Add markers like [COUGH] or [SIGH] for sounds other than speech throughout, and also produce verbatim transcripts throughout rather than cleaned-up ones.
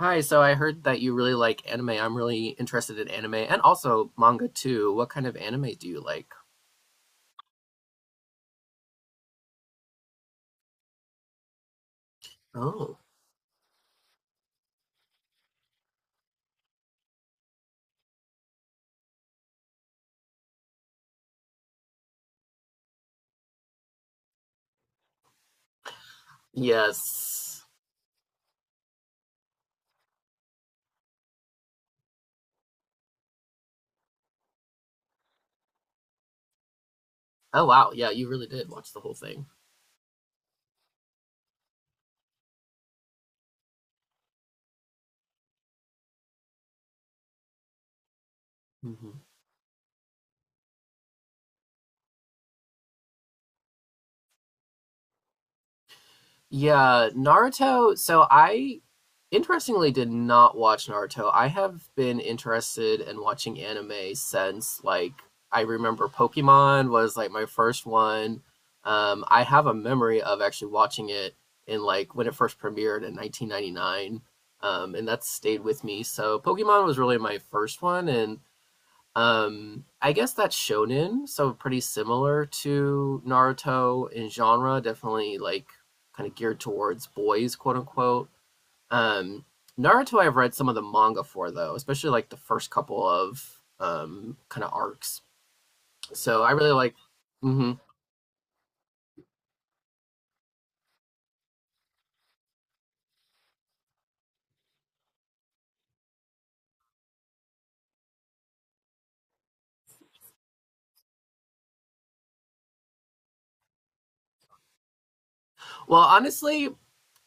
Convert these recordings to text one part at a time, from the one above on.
Hi, so I heard that you really like anime. I'm really interested in anime and also manga too. What kind of anime do you like? Oh, yes. Oh, wow. Yeah, you really did watch the whole thing. Hmm. Yeah, Naruto. So I Interestingly, did not watch Naruto. I have been interested in watching anime since, like, I remember Pokemon was like my first one. Um, I have a memory of actually watching it in, like, when it first premiered in nineteen ninety-nine, um, and that's stayed with me. So Pokemon was really my first one, and um, I guess that's shonen, so pretty similar to Naruto in genre. Definitely, like, kind of geared towards boys, quote unquote. um, Naruto, I've read some of the manga for though, especially like the first couple of um, kind of arcs. So I really like. Hmm. Well, honestly,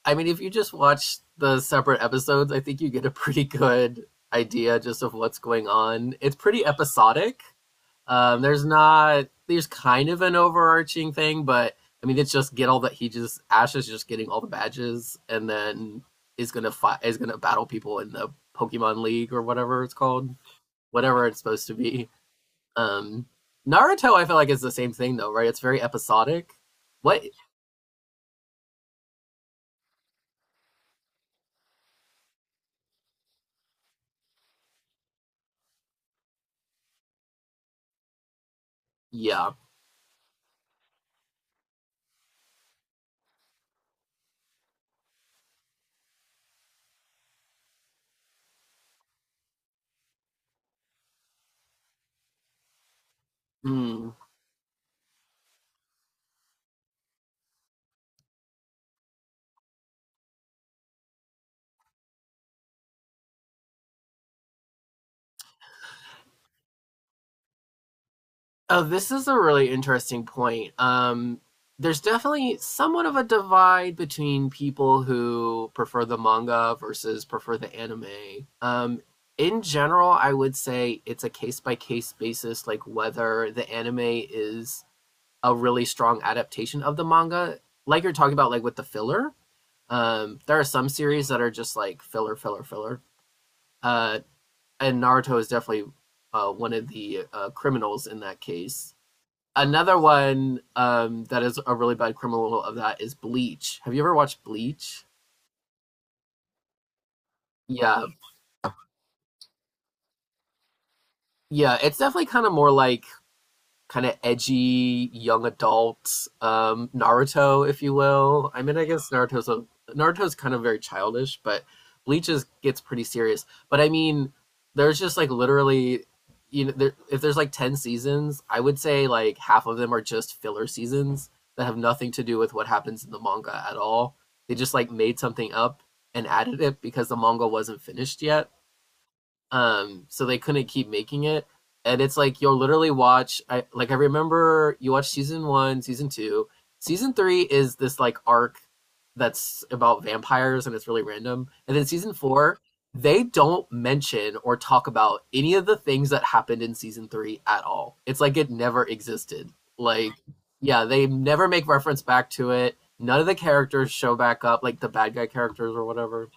I mean, if you just watch the separate episodes, I think you get a pretty good idea just of what's going on. It's pretty episodic. Um, there's not there's kind of an overarching thing, but I mean, it's just get all that he just Ash is just getting all the badges, and then is gonna fight is gonna battle people in the Pokemon League or whatever it's called. Whatever it's supposed to be. Um, Naruto, I feel like, is the same thing though, right? It's very episodic. What? Yeah. Mm. Oh, this is a really interesting point. Um, there's definitely somewhat of a divide between people who prefer the manga versus prefer the anime. Um, in general, I would say it's a case by case basis, like whether the anime is a really strong adaptation of the manga, like you're talking about, like with the filler. Um, there are some series that are just like filler, filler, filler. Uh, and Naruto is definitely uh, one of the uh, criminals in that case. Another one um, that is a really bad criminal of that is Bleach. Have you ever watched Bleach? Yeah, yeah. It's definitely kind of more like kind of edgy young adult um, Naruto, if you will. I mean, I guess Naruto's a, Naruto's kind of very childish, but Bleach is, gets pretty serious. But I mean, there's just like literally, you know, there, if there's like ten seasons, I would say like half of them are just filler seasons that have nothing to do with what happens in the manga at all. They just like made something up and added it because the manga wasn't finished yet, um so they couldn't keep making it. And it's like you'll literally watch. I, like, I remember you watch season one, season two, season three is this like arc that's about vampires, and it's really random. And then season four, they don't mention or talk about any of the things that happened in season three at all. It's like it never existed. Like, yeah, they never make reference back to it. None of the characters show back up, like the bad guy characters or whatever.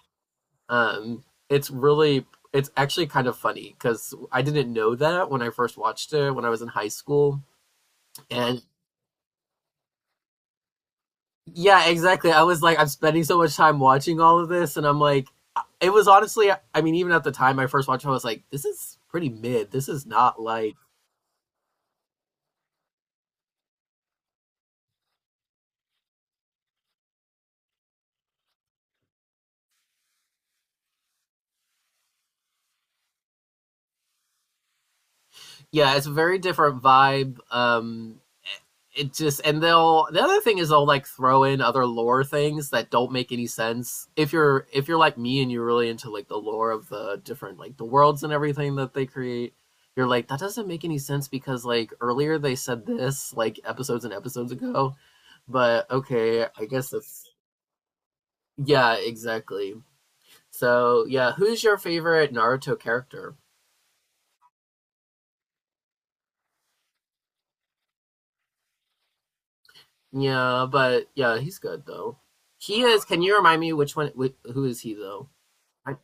um, it's really, it's actually kind of funny because I didn't know that when I first watched it when I was in high school. And yeah, exactly. I was like, I'm spending so much time watching all of this, and I'm like, uh, it was honestly, I mean, even at the time I first watched it, I was like, this is pretty mid. This is not like, yeah, it's a very different vibe. Um, it just and they'll The other thing is they'll like throw in other lore things that don't make any sense if you're, if you're like me and you're really into like the lore of the different, like the worlds and everything that they create. You're like, that doesn't make any sense because like earlier they said this like episodes and episodes ago, but okay, I guess that's. Yeah, exactly. So, yeah, who's your favorite Naruto character? Yeah, but yeah, he's good though. He is. Can you remind me which one, wh- who is he though? I,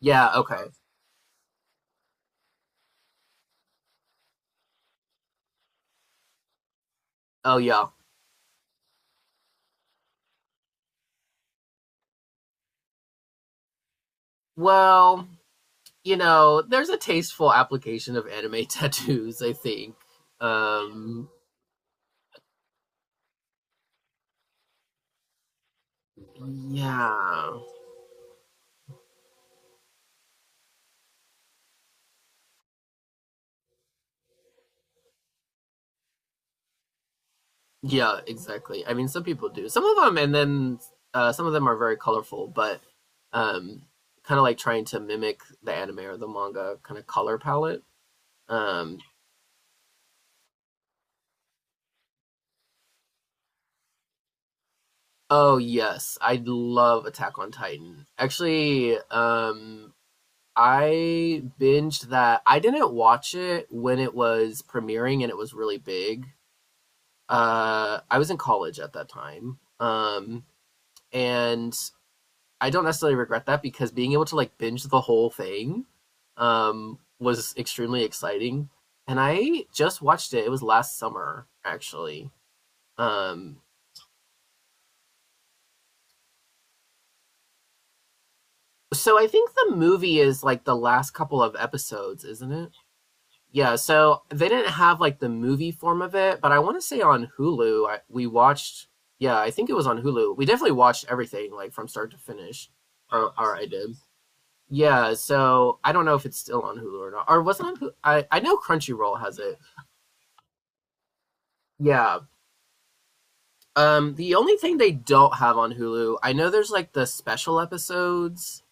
yeah, okay. Oh yeah. Well, you know, there's a tasteful application of anime [LAUGHS] tattoos, I think. Um yeah. Yeah, exactly. I mean, some people do. Some of them, and then uh, some of them are very colorful, but um kind of like trying to mimic the anime or the manga kind of color palette. Um oh yes, I love Attack on Titan. Actually, um I binged that. I didn't watch it when it was premiering and it was really big. Uh, I was in college at that time. Um, and I don't necessarily regret that because being able to like binge the whole thing um, was extremely exciting. And I just watched it. It was last summer, actually. Um, so I think the movie is like the last couple of episodes, isn't it? Yeah, so they didn't have like the movie form of it, but I want to say on Hulu, I, we watched, yeah, I think it was on Hulu. We definitely watched everything like from start to finish, or, or I did. Yeah, so I don't know if it's still on Hulu or not, or was it on Hulu? I, I know Crunchyroll has it. Yeah. Um, the only thing they don't have on Hulu, I know there's like the special episodes.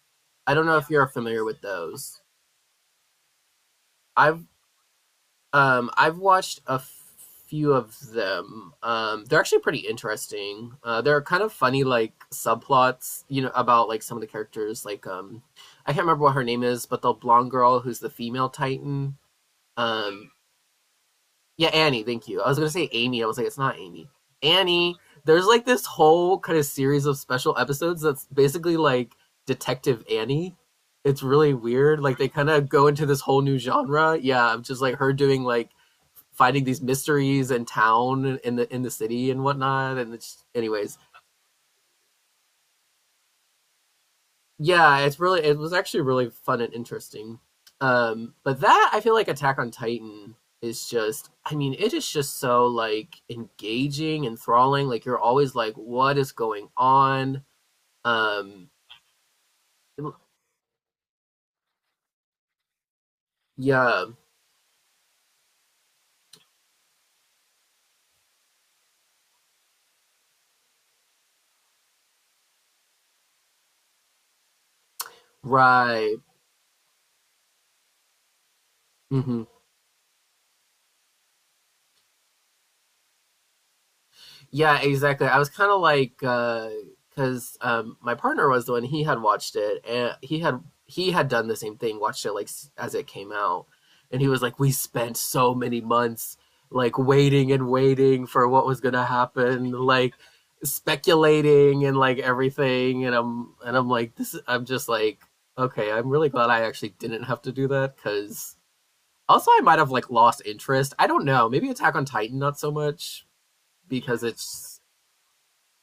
I don't know if you're familiar with those. I've Um, I've watched a few of them. Um, they're actually pretty interesting. Uh, they're kind of funny, like subplots, you know, about like some of the characters. Like, um, I can't remember what her name is, but the blonde girl who's the female Titan. Um, yeah, Annie. Thank you. I was gonna say Amy. I was like, it's not Amy. Annie. There's like this whole kind of series of special episodes that's basically like Detective Annie. It's really weird. Like they kind of go into this whole new genre. Yeah, just like her doing like finding these mysteries in town, in the in the city and whatnot. And it's, anyways, yeah, it's really it was actually really fun and interesting. Um, but that, I feel like Attack on Titan is just, I mean, it is just so like engaging, enthralling. Like, you're always like, what is going on? Um, yeah, right. Hmm. Yeah, exactly. I was kind of like, uh, because um, my partner was the one he had watched it, and he had he had done the same thing, watched it like s- as it came out, and he was like, "We spent so many months like waiting and waiting for what was gonna happen, like speculating and like everything," and I'm and I'm like, "This," is- I'm just like, "Okay, I'm really glad I actually didn't have to do that," because also I might have like lost interest. I don't know. Maybe Attack on Titan not so much, because it's,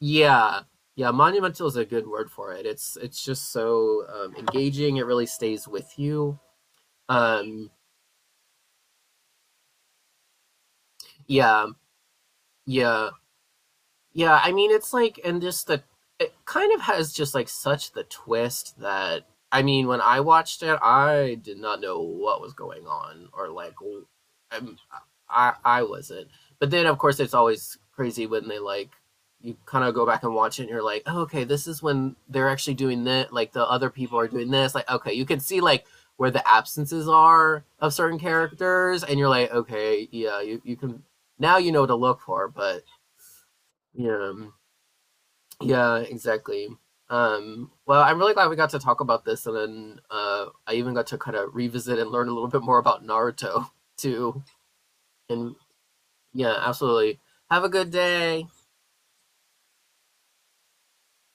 yeah. Yeah, monumental is a good word for it. It's it's just so um, engaging. It really stays with you. Um, yeah, yeah. Yeah, I mean, it's like, and just the, it kind of has just like such the twist that, I mean, when I watched it, I did not know what was going on, or like, w- I'm, I, I wasn't. But then, of course, it's always crazy when they like, you kind of go back and watch it and you're like, oh, okay, this is when they're actually doing that. Like the other people are doing this. Like, okay, you can see like where the absences are of certain characters, and you're like, okay, yeah, you, you can, now you know what to look for, but yeah. Yeah, exactly. Um, well, I'm really glad we got to talk about this, and then uh, I even got to kind of revisit and learn a little bit more about Naruto [LAUGHS] too. And yeah, absolutely. Have a good day.